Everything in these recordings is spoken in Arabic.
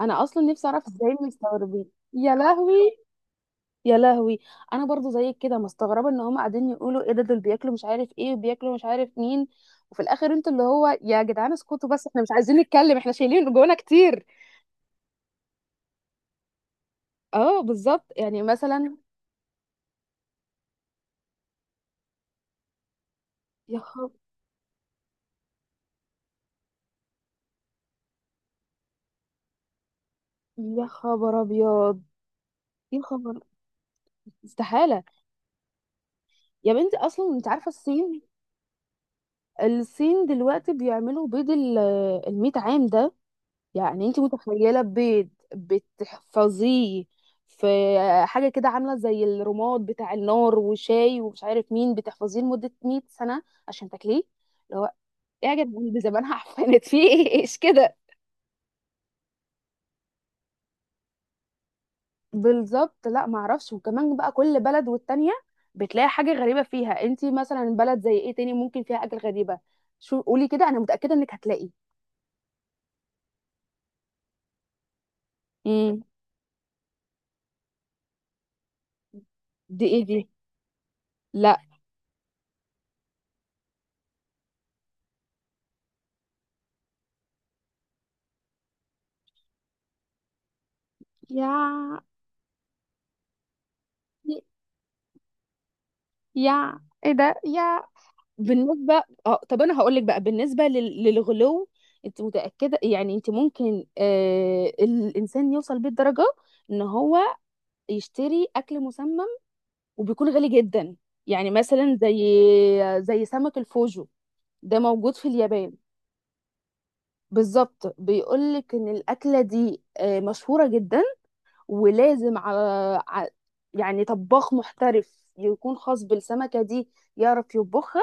انا اصلا نفسي اعرف ازاي مستغربين. يا لهوي، يا لهوي. انا برضو زيك كده مستغربه ان هم قاعدين يقولوا ايه ده، دول بياكلوا مش عارف ايه وبياكلوا مش عارف مين. وفي الاخر انتوا اللي هو يا جدعان اسكتوا بس، احنا مش عايزين نتكلم، احنا شايلين جوانا كتير. اه بالظبط، يعني مثلا. يا خب... يا خبر ابيض. يا خبر. استحاله. يا بنتي اصلا انت عارفه الصين دلوقتي بيعملوا بيض ال 100 عام ده. يعني انت متخيله بيض بتحفظيه في حاجه كده عامله زي الرماد بتاع النار وشاي ومش عارف مين، بتحفظيه لمده 100 سنه عشان تاكليه. اللي هو ايه يا جدعان، دي زمانها عفنت في ايه؟ ايش كده. بالظبط، لا معرفش. وكمان بقى كل بلد والتانيه بتلاقي حاجه غريبه فيها. انت مثلا بلد زي ايه تاني ممكن فيها اكل غريبه؟ شو قولي كده، انا متاكده انك هتلاقي. امم. دي ايه دي؟ لا. يا يا ايه ده يا. بالنسبة، اه طب انا هقول لك بقى بالنسبة للغلو. انت متأكدة يعني انت ممكن الانسان يوصل بيه الدرجة ان هو يشتري اكل مسمم وبيكون غالي جدا؟ يعني مثلا زي سمك الفوجو، ده موجود في اليابان. بالظبط، بيقول لك ان الاكلة دي مشهورة جدا، ولازم على ع- يعني طباخ محترف يكون خاص بالسمكة دي، يعرف يطبخها،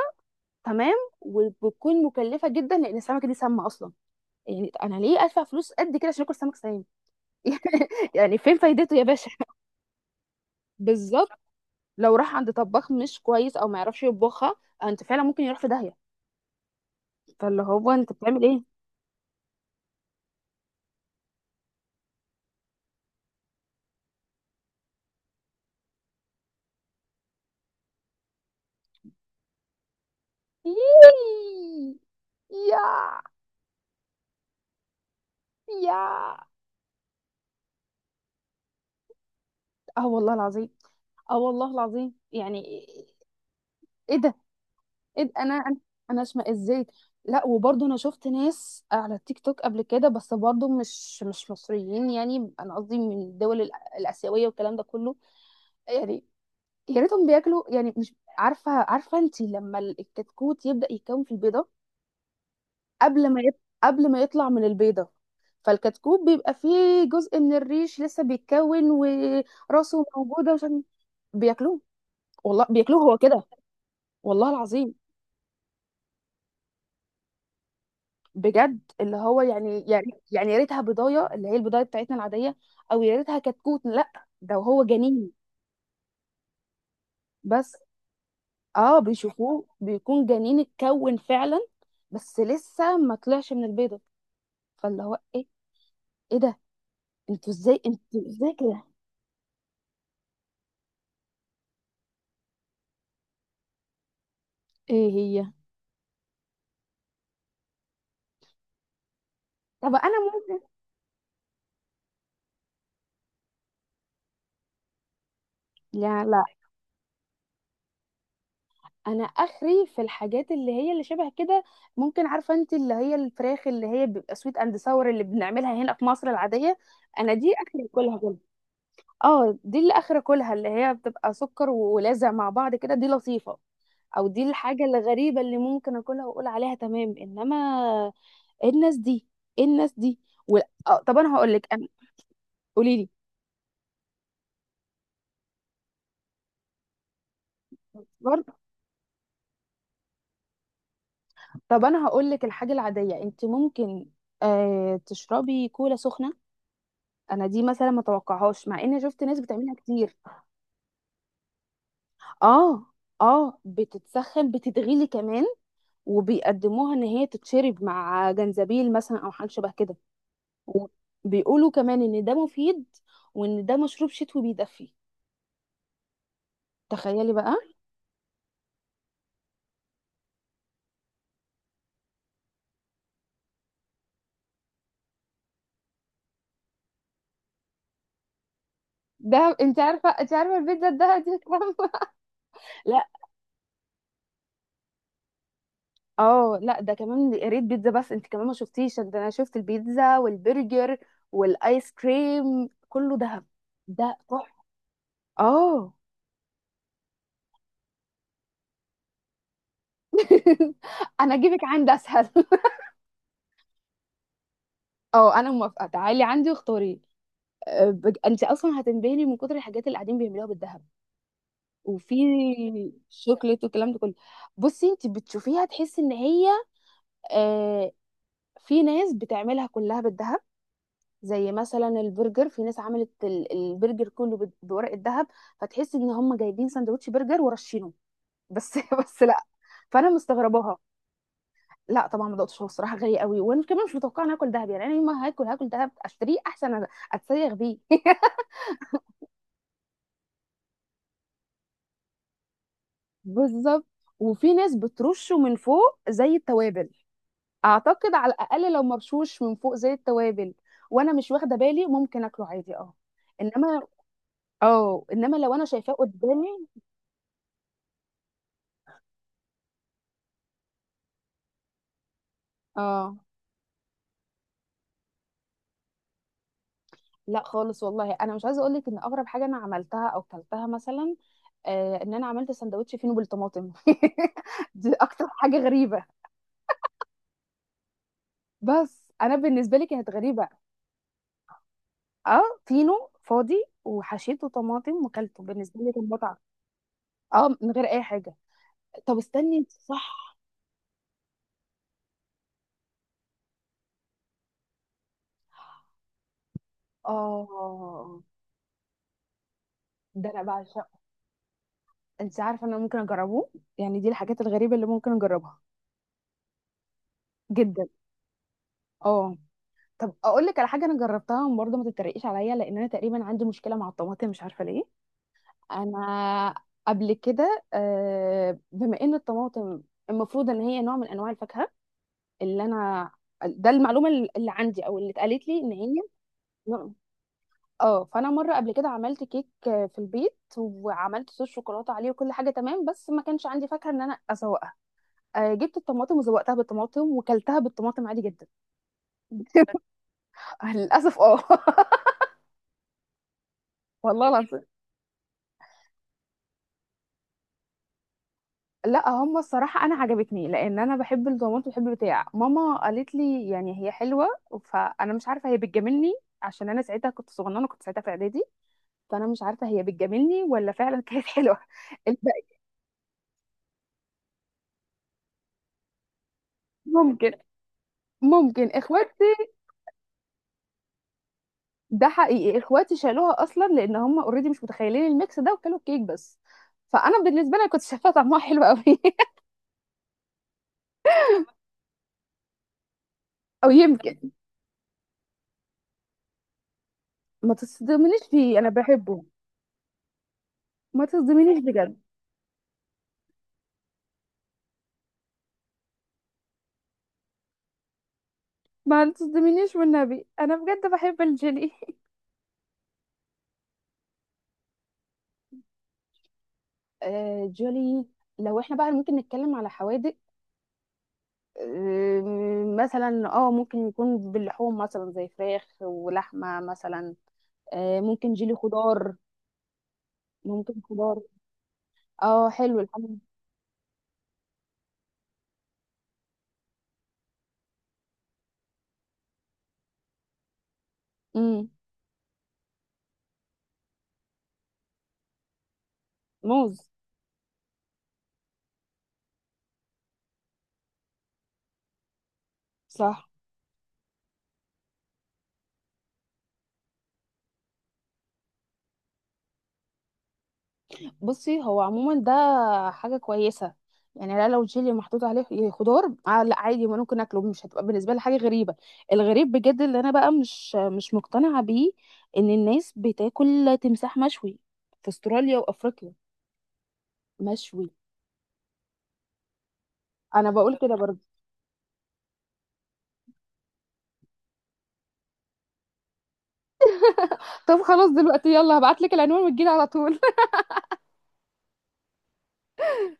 تمام. وبتكون مكلفه جدا لان السمكه دي سامه اصلا. يعني انا ليه ادفع فلوس قد كده عشان اكل سمك سام؟ يعني فين فايدته يا باشا؟ بالظبط. لو راح عند طباخ مش كويس او ما يعرفش يطبخها، انت فعلا ممكن يروح في داهيه. فاللي هو انت بتعمل ايه؟ يييي. يا يا اه والله العظيم، اه والله العظيم يعني. ايه ده؟ ايه ده؟ انا أنا اشمئز ازاي. لا وبرضه انا شفت ناس على التيك توك قبل كده، بس برضه مش مصريين. يعني انا قصدي من الدول الاسيويه والكلام ده كله. يعني يا ريتهم بياكلوا، يعني مش عارفه، عارفه انت لما الكتكوت يبدا يتكون في البيضه، قبل ما يط... قبل ما يطلع من البيضه، فالكتكوت بيبقى فيه جزء من الريش لسه بيتكون وراسه موجوده، عشان بياكلوه. والله بياكلوه هو كده، والله العظيم. بجد اللي هو يعني يا ريتها بضايه، اللي هي البضايه بتاعتنا العاديه. او يا ريتها كتكوت، لا ده هو جنين. بس اه بيشوفوه بيكون جنين اتكون فعلا، بس لسه ما طلعش من البيضه. فاللي هو ايه؟ ايه ده؟ انتوا ازاي، انتوا ازاي كده؟ ايه هي؟ طب انا ممكن. لا لا. انا اخري في الحاجات اللي هي اللي شبه كده، ممكن. عارفه انت اللي هي الفراخ اللي هي بيبقى سويت اند ساور اللي بنعملها هنا في مصر العاديه؟ انا دي اخري اكلها. اه دي اللي اخر اكلها، اللي هي بتبقى سكر ولازع مع بعض كده، دي لطيفه. او دي الحاجه الغريبه اللي ممكن اكلها واقول عليها تمام، انما ايه الناس دي، ايه الناس دي. و... آه طب انا هقول لك انا. قولي لي. برضه، طب انا هقول لك الحاجه العاديه انت ممكن تشربي كولا سخنه. انا دي مثلا ما توقعهاش مع اني شفت ناس بتعملها كتير. اه، اه بتتسخن، بتتغلي كمان، وبيقدموها ان هي تتشرب مع جنزبيل مثلا او حاجه شبه كده، وبيقولوا كمان ان ده مفيد وان ده مشروب شتوي بيدفي. تخيلي بقى. دهب، انت عارفه البيتزا الدهب دي؟ لا. اه لا، ده كمان يا ريت بيتزا بس، انت كمان ما شفتيش ده، انا شفت البيتزا والبرجر والايس كريم كله دهب، ده تحفه. اه. انا اجيبك عند اسهل. اه انا موافقه، تعالي عندي واختاري. انت اصلا هتنبهري من كتر الحاجات اللي قاعدين بيعملوها بالذهب، وفي شوكليت والكلام ده كله. بصي انت بتشوفيها تحسي ان هي آه في ناس بتعملها كلها بالذهب، زي مثلا البرجر في ناس عملت البرجر كله بورق الذهب، فتحسي ان هم جايبين سندوتش برجر ورشينه بس. بس لا، فانا مستغرباها. لا طبعا ما دقتش، هو الصراحه غالي قوي، وانا كمان مش متوقعه ان اكل دهب. يعني انا يوم ما هاكل، هاكل دهب اشتريه احسن، اتسيغ بيه. بالظبط. وفي ناس بترشه من فوق زي التوابل. اعتقد على الاقل لو مرشوش من فوق زي التوابل وانا مش واخده بالي، ممكن اكله عادي اه. انما اه، انما لو انا شايفاه قدامي، اه، لا خالص والله. انا مش عايزه اقول لك ان اغرب حاجه انا عملتها او كلتها مثلا، ان انا عملت سندوتش فينو بالطماطم. دي اكتر حاجه غريبه، بس انا بالنسبه لي كانت غريبه. اه فينو فاضي، وحشيته طماطم، وكلته بالنسبه لي كان متعه. اه، من غير اي حاجه. طب استني صح. اه، ده انا بعشق. انت عارفه ان انا ممكن اجربه، يعني دي الحاجات الغريبه اللي ممكن اجربها. جدا. اه. طب اقول لك على حاجه انا جربتها برضه، ما تتريقيش عليا لان انا تقريبا عندي مشكله مع الطماطم مش عارفه ليه. انا قبل كده، بما ان الطماطم المفروض ان هي نوع من انواع الفاكهه، اللي انا، ده المعلومه اللي عندي او اللي اتقالت لي ان هي نوع- اه، فانا مره قبل كده عملت كيك في البيت، وعملت صوص شوكولاته عليه وكل حاجه تمام، بس ما كانش عندي فاكهه ان انا اسوق، جبت الطماطم وزوقتها بالطماطم وكلتها بالطماطم عادي جدا. للاسف اه. والله العظيم، لا هم الصراحه انا عجبتني لان انا بحب الطماطم، بحب البتاع، ماما قالت لي يعني هي حلوه، فانا مش عارفه هي بتجاملني عشان انا ساعتها كنت صغننه، كنت ساعتها في اعدادي، فانا مش عارفه هي بتجاملني ولا فعلا كانت حلوه. الباقي ممكن، ممكن اخواتي، ده حقيقي اخواتي شالوها اصلا لان هم اوريدي مش متخيلين الميكس ده وكلوا الكيك بس، فانا بالنسبه لي كنت شايفاها طعمها حلو قوي. او يمكن. ما تصدمنيش فيه انا بحبه. ما تصدمنيش بجد. ما تصدمنيش والنبي، انا بجد بحب الجيلي. آه جولي. لو احنا بقى ممكن نتكلم على حوادق، آه مثلا اه ممكن يكون باللحوم مثلا زي فراخ ولحمة مثلا، آه ممكن جيلي خضار. ممكن خضار. اه حلو الحمد. امم. موز. صح. بصي هو عموما ده حاجة كويسة، يعني لا لو جيلي محطوط عليه خضار آه، لا عادي ما ممكن اكله، مش هتبقى بالنسبة لي حاجة غريبة. الغريب بجد اللي انا بقى مش مقتنعة بيه ان الناس بتاكل تمساح مشوي في استراليا وافريقيا. مشوي. انا بقول كده برضه. طب خلاص دلوقتي يلا هبعت لك العنوان وتجيلي على طول.